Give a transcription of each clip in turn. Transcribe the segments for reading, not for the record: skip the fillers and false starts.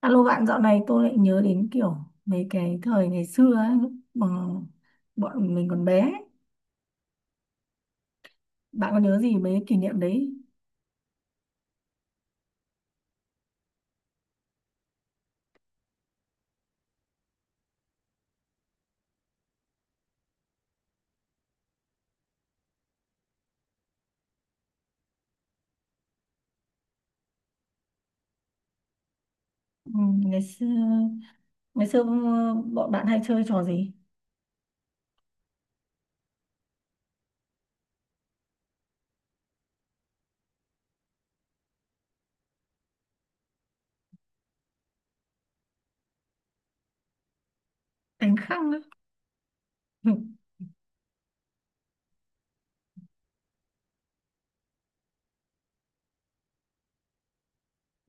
Alo bạn, dạo này tôi lại nhớ đến kiểu mấy cái thời ngày xưa ấy, lúc mà bọn mình còn bé ấy. Bạn có nhớ gì mấy cái kỷ niệm đấy? Ừ, ngày xưa ngày xưa ừ, bọn bạn hay chơi trò gì? Đánh khăng á.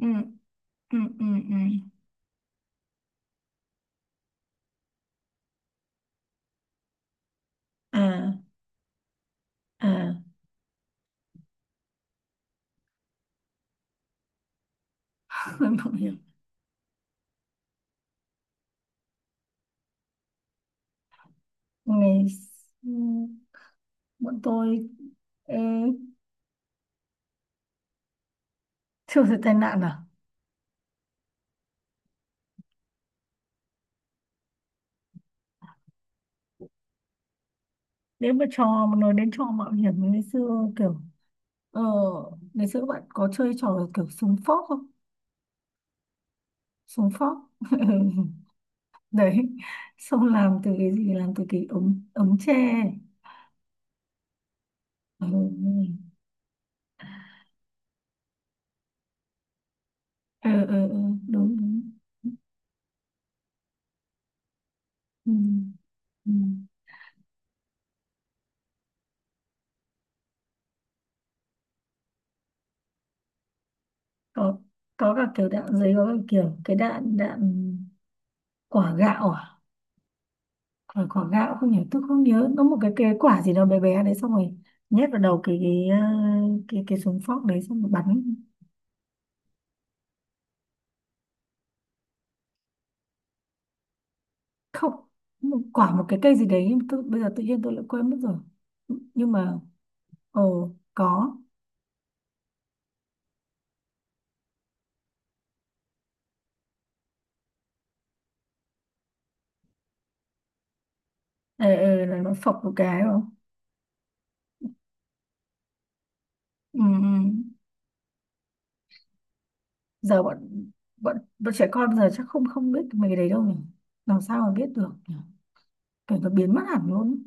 Ừ, ừ, ừ, ừ, ừ. À, à, không hiểu. Ngày xưa bọn tôi ê, chưa thấy tai nạn à? Nếu mà trò mà nói đến trò mạo hiểm ngày xưa kiểu ờ, ngày xưa bạn có chơi trò kiểu súng phóc không? Xuống phóc. Ừ, đấy, xong làm từ cái gì, làm từ cái ống ống tre, ừ. Ừ, ừ, ừ, ừ, ừ, đúng đúng, ừ. Ừ. có có cả kiểu đạn giấy, có cả kiểu cái đạn đạn quả gạo à? Quả quả gạo không nhớ, tôi không nhớ nó, một cái quả gì đó bé bé đấy xong rồi nhét vào đầu cái ờ, cái súng phóc đấy xong rồi bắn. Không, một quả, một cái cây gì đấy, tôi bây giờ tự nhiên tôi lại quên mất rồi, nhưng mà ồ có. Ừ, ừ, là nó phộc một cái đúng không? Ừ, ừ. Giờ bọn bọn bọn trẻ con giờ chắc không không biết mấy cái đấy đâu nhỉ, làm sao mà biết được nhỉ, kiểu nó biến mất hẳn luôn.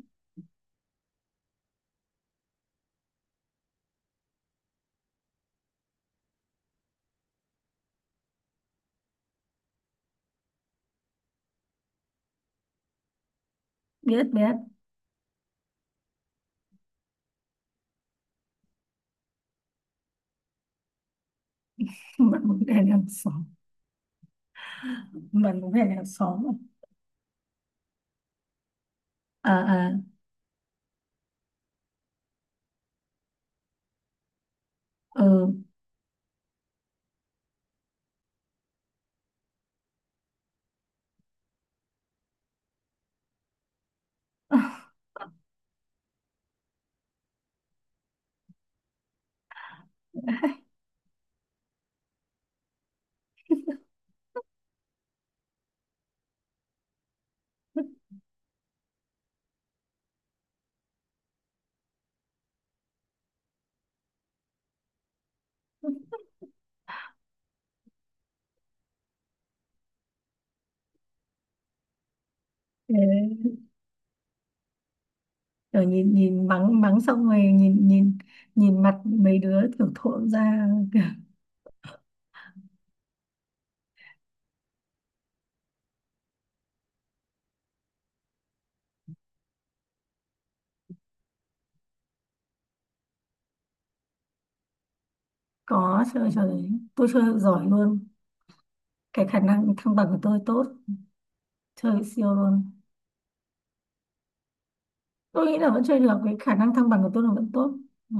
Biết, biết. Bạn muốn về hàng xóm. Bạn muốn về hàng xóm. À, à, à, ừ. Thế, kiểu nhìn nhìn mắng mắng xong rồi nhìn nhìn, nhìn mặt mấy đứa kiểu thộn ra, kiểu, có chơi trò đấy, tôi chơi giỏi luôn. Cái khả năng thăng bằng của tôi tốt, chơi siêu luôn. Tôi nghĩ là vẫn chơi được, cái khả năng thăng bằng của tôi là vẫn tốt. Ừ.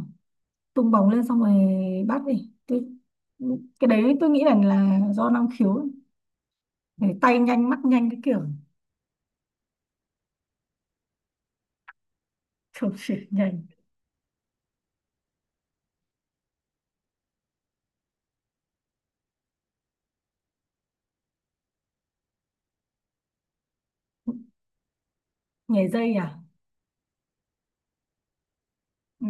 Tung bóng lên xong rồi bắt đi tôi, cái đấy tôi nghĩ là do năng khiếu ấy. Để tay nhanh mắt nhanh cái kiểu chụp chỉ nhanh. Nhảy dây à? Ừ,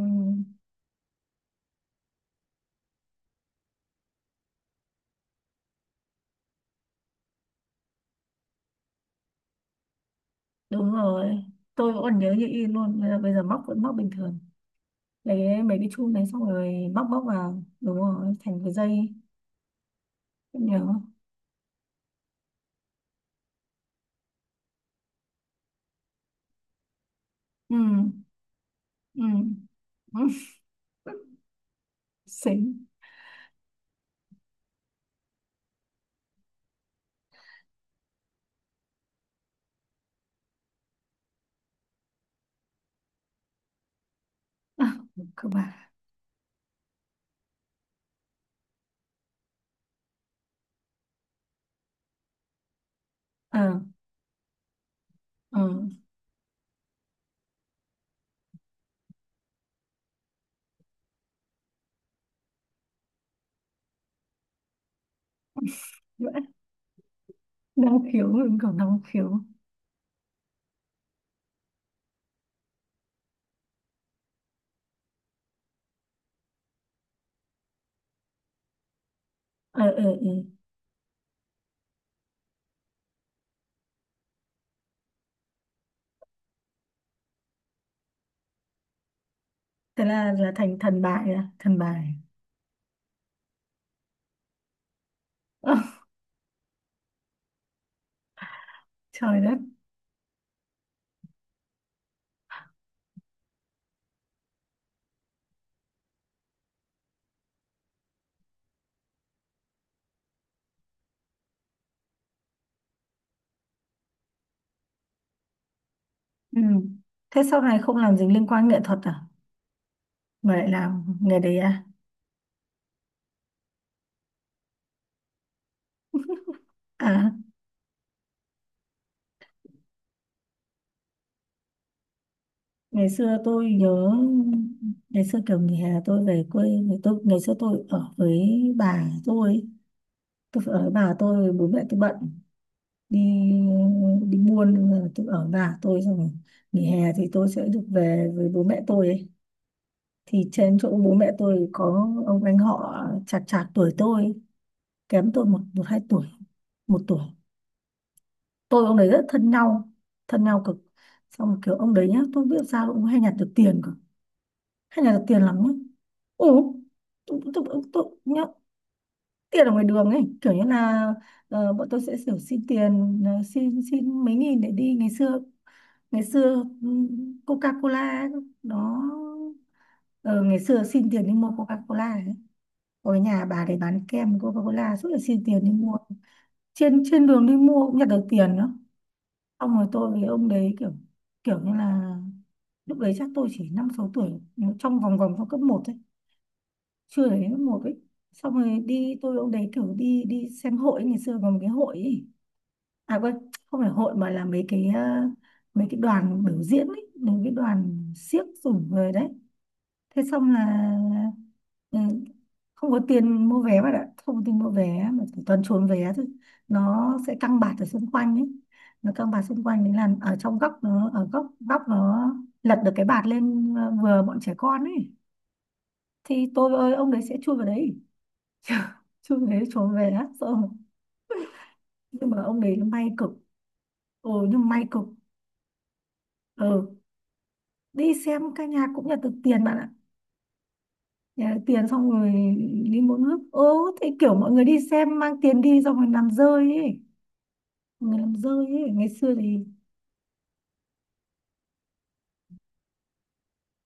đúng rồi, tôi vẫn còn nhớ như in luôn, bây giờ móc vẫn móc bình thường. Lấy mấy cái chum đấy xong rồi móc móc vào, đúng rồi, thành cái dây ấy. Vẫn nhớ, ừ, ừ, ừ. Xính. À, cơ bản, ờ ờ vẫn năng khiếu, mình còn năng khiếu, ừ, ừ, ừ. Thế là thành thần bài à, thần bài? Trời đất. Ừ. Thế sau này không làm dính liên quan nghệ thuật à, mà lại làm nghề đấy à? À. Ngày xưa tôi nhớ, ngày xưa kiểu nghỉ hè tôi về quê, thì tôi ngày xưa tôi ở với bà tôi phải ở với bà tôi, bố mẹ tôi bận đi đi buôn nên là tôi ở với bà tôi, xong rồi nghỉ hè thì tôi sẽ được về với bố mẹ tôi ấy. Thì trên chỗ bố mẹ tôi có ông anh họ, chạc chạc tuổi tôi, kém tôi một một hai tuổi, một tuổi, tôi với ông đấy rất thân nhau. Thân nhau cực. Xong rồi kiểu ông đấy nhá, tôi không biết sao ông hay nhặt được tiền cơ, hay nhặt được tiền lắm nhá. Ừ, tôi nhá, tiền ở ngoài đường ấy, kiểu như là bọn tôi sẽ kiểu xin tiền, xin xin mấy nghìn để đi ngày xưa ừ, Coca-Cola ấy, đó. Ờ, Ngày xưa xin tiền đi mua Coca-Cola ấy, ở nhà bà để bán kem Coca-Cola suốt là xin tiền đi mua, trên trên đường đi mua cũng nhặt được tiền nữa. Xong rồi tôi với ông đấy kiểu kiểu như là lúc đấy chắc tôi chỉ năm sáu tuổi, nhưng trong vòng vòng, trong cấp một thôi, chưa đến cấp một ấy. Xong rồi đi, tôi với ông đấy kiểu đi đi xem hội ấy, ngày xưa còn một cái hội ấy. À quên, không phải hội mà là mấy cái mấy cái đoàn biểu diễn ấy, mấy cái đoàn xiếc rồi về đấy. Thế xong là ừ, không có tiền mua vé bạn ạ, không có tiền mua vé mà chỉ toàn trốn vé thôi. Nó sẽ căng bạt ở xung quanh ấy, nó căng bạt xung quanh đấy, là ở trong góc, nó ở góc góc, nó lật được cái bạt lên, vừa bọn trẻ con ấy, thì tôi ơi ông đấy sẽ chui vào đấy. Chui vào đấy trốn vé. Sợ. Nhưng mà ông đấy may cực, ừ, nhưng may cực. Ừ, đi xem ca nhạc cũng là được tiền bạn ạ. Nhà tiền xong rồi đi mỗi nước ố thế, kiểu mọi người đi xem mang tiền đi xong rồi làm rơi ấy, mọi người làm rơi ấy, ngày xưa thì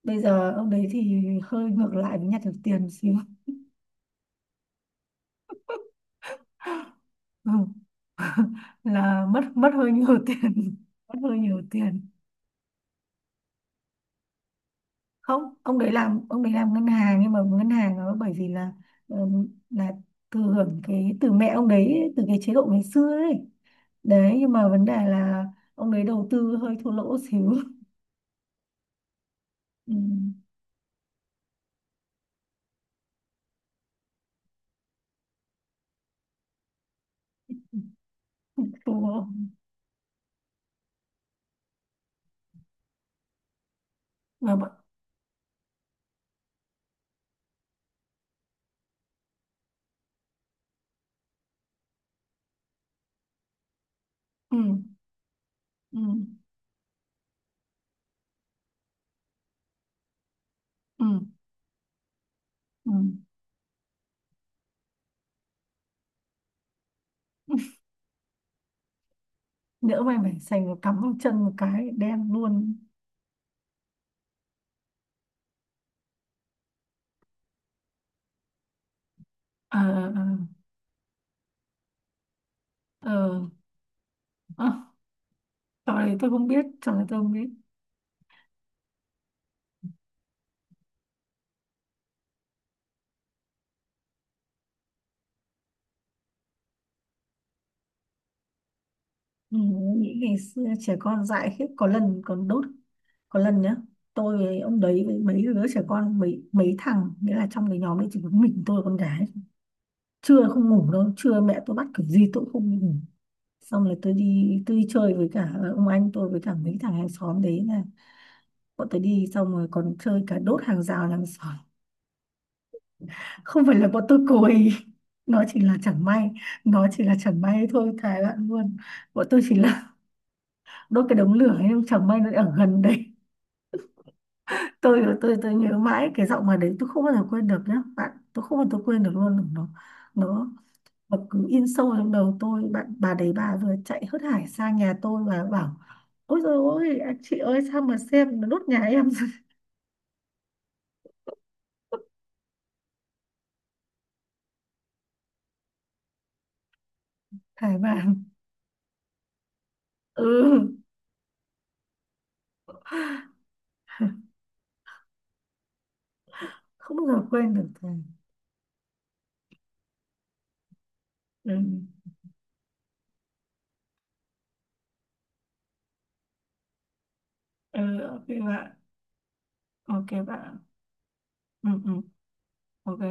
bây giờ ông đấy thì hơi ngược lại với nhặt được tiền một xíu. Ừ. Là mất mất hơi nhiều tiền, mất hơi nhiều tiền. Không, ông đấy làm, ông đấy làm ngân hàng, nhưng mà ngân hàng nó bởi vì là thừa hưởng cái từ mẹ ông đấy ấy, từ cái chế độ ngày xưa ấy đấy, nhưng mà vấn đề là ông đấy đầu tư hơi thua lỗ xíu. Ừ. Thua. Mà ừ, ừ, ừ, ừ. Nhỡ may mày sành nó cắm vào chân một cái đen luôn. ờ ờ ờ À, trò này tôi không biết, trò này tôi không biết. Ừ, nghĩ ngày xưa trẻ con dại khiếp, có lần còn đốt, có lần nhá, tôi với ông đấy với mấy đứa trẻ con, mấy mấy thằng nghĩa là trong cái nhóm đấy chỉ có mình tôi là con gái. Trưa không ngủ đâu, trưa mẹ tôi bắt kiểu gì tôi cũng không ngủ, xong rồi tôi đi chơi với cả ông anh tôi với cả mấy thằng hàng xóm đấy, là bọn tôi đi xong rồi còn chơi cả đốt hàng rào hàng xóm. Không phải là bọn tôi cùi. Nó chỉ là chẳng may, nó chỉ là chẳng may thôi thề bạn luôn, bọn tôi chỉ là đốt cái đống lửa ấy nhưng chẳng may nó ở gần đấy. Tôi nhớ mãi cái giọng mà đấy, tôi không bao giờ quên được nhá bạn, tôi không bao giờ quên được luôn nó, nó nó cứ in sâu trong đầu tôi bạn, bà đấy bà vừa chạy hớt hải sang nhà tôi và bảo: "Ôi dồi ôi, à, chị ơi sao mà xem nó đốt nhà em." Thầy bạn. Ừ. Không bao giờ quên được thầy. Ừ, ừ, ok bạn, ok bạn, ừ, ừ, ok.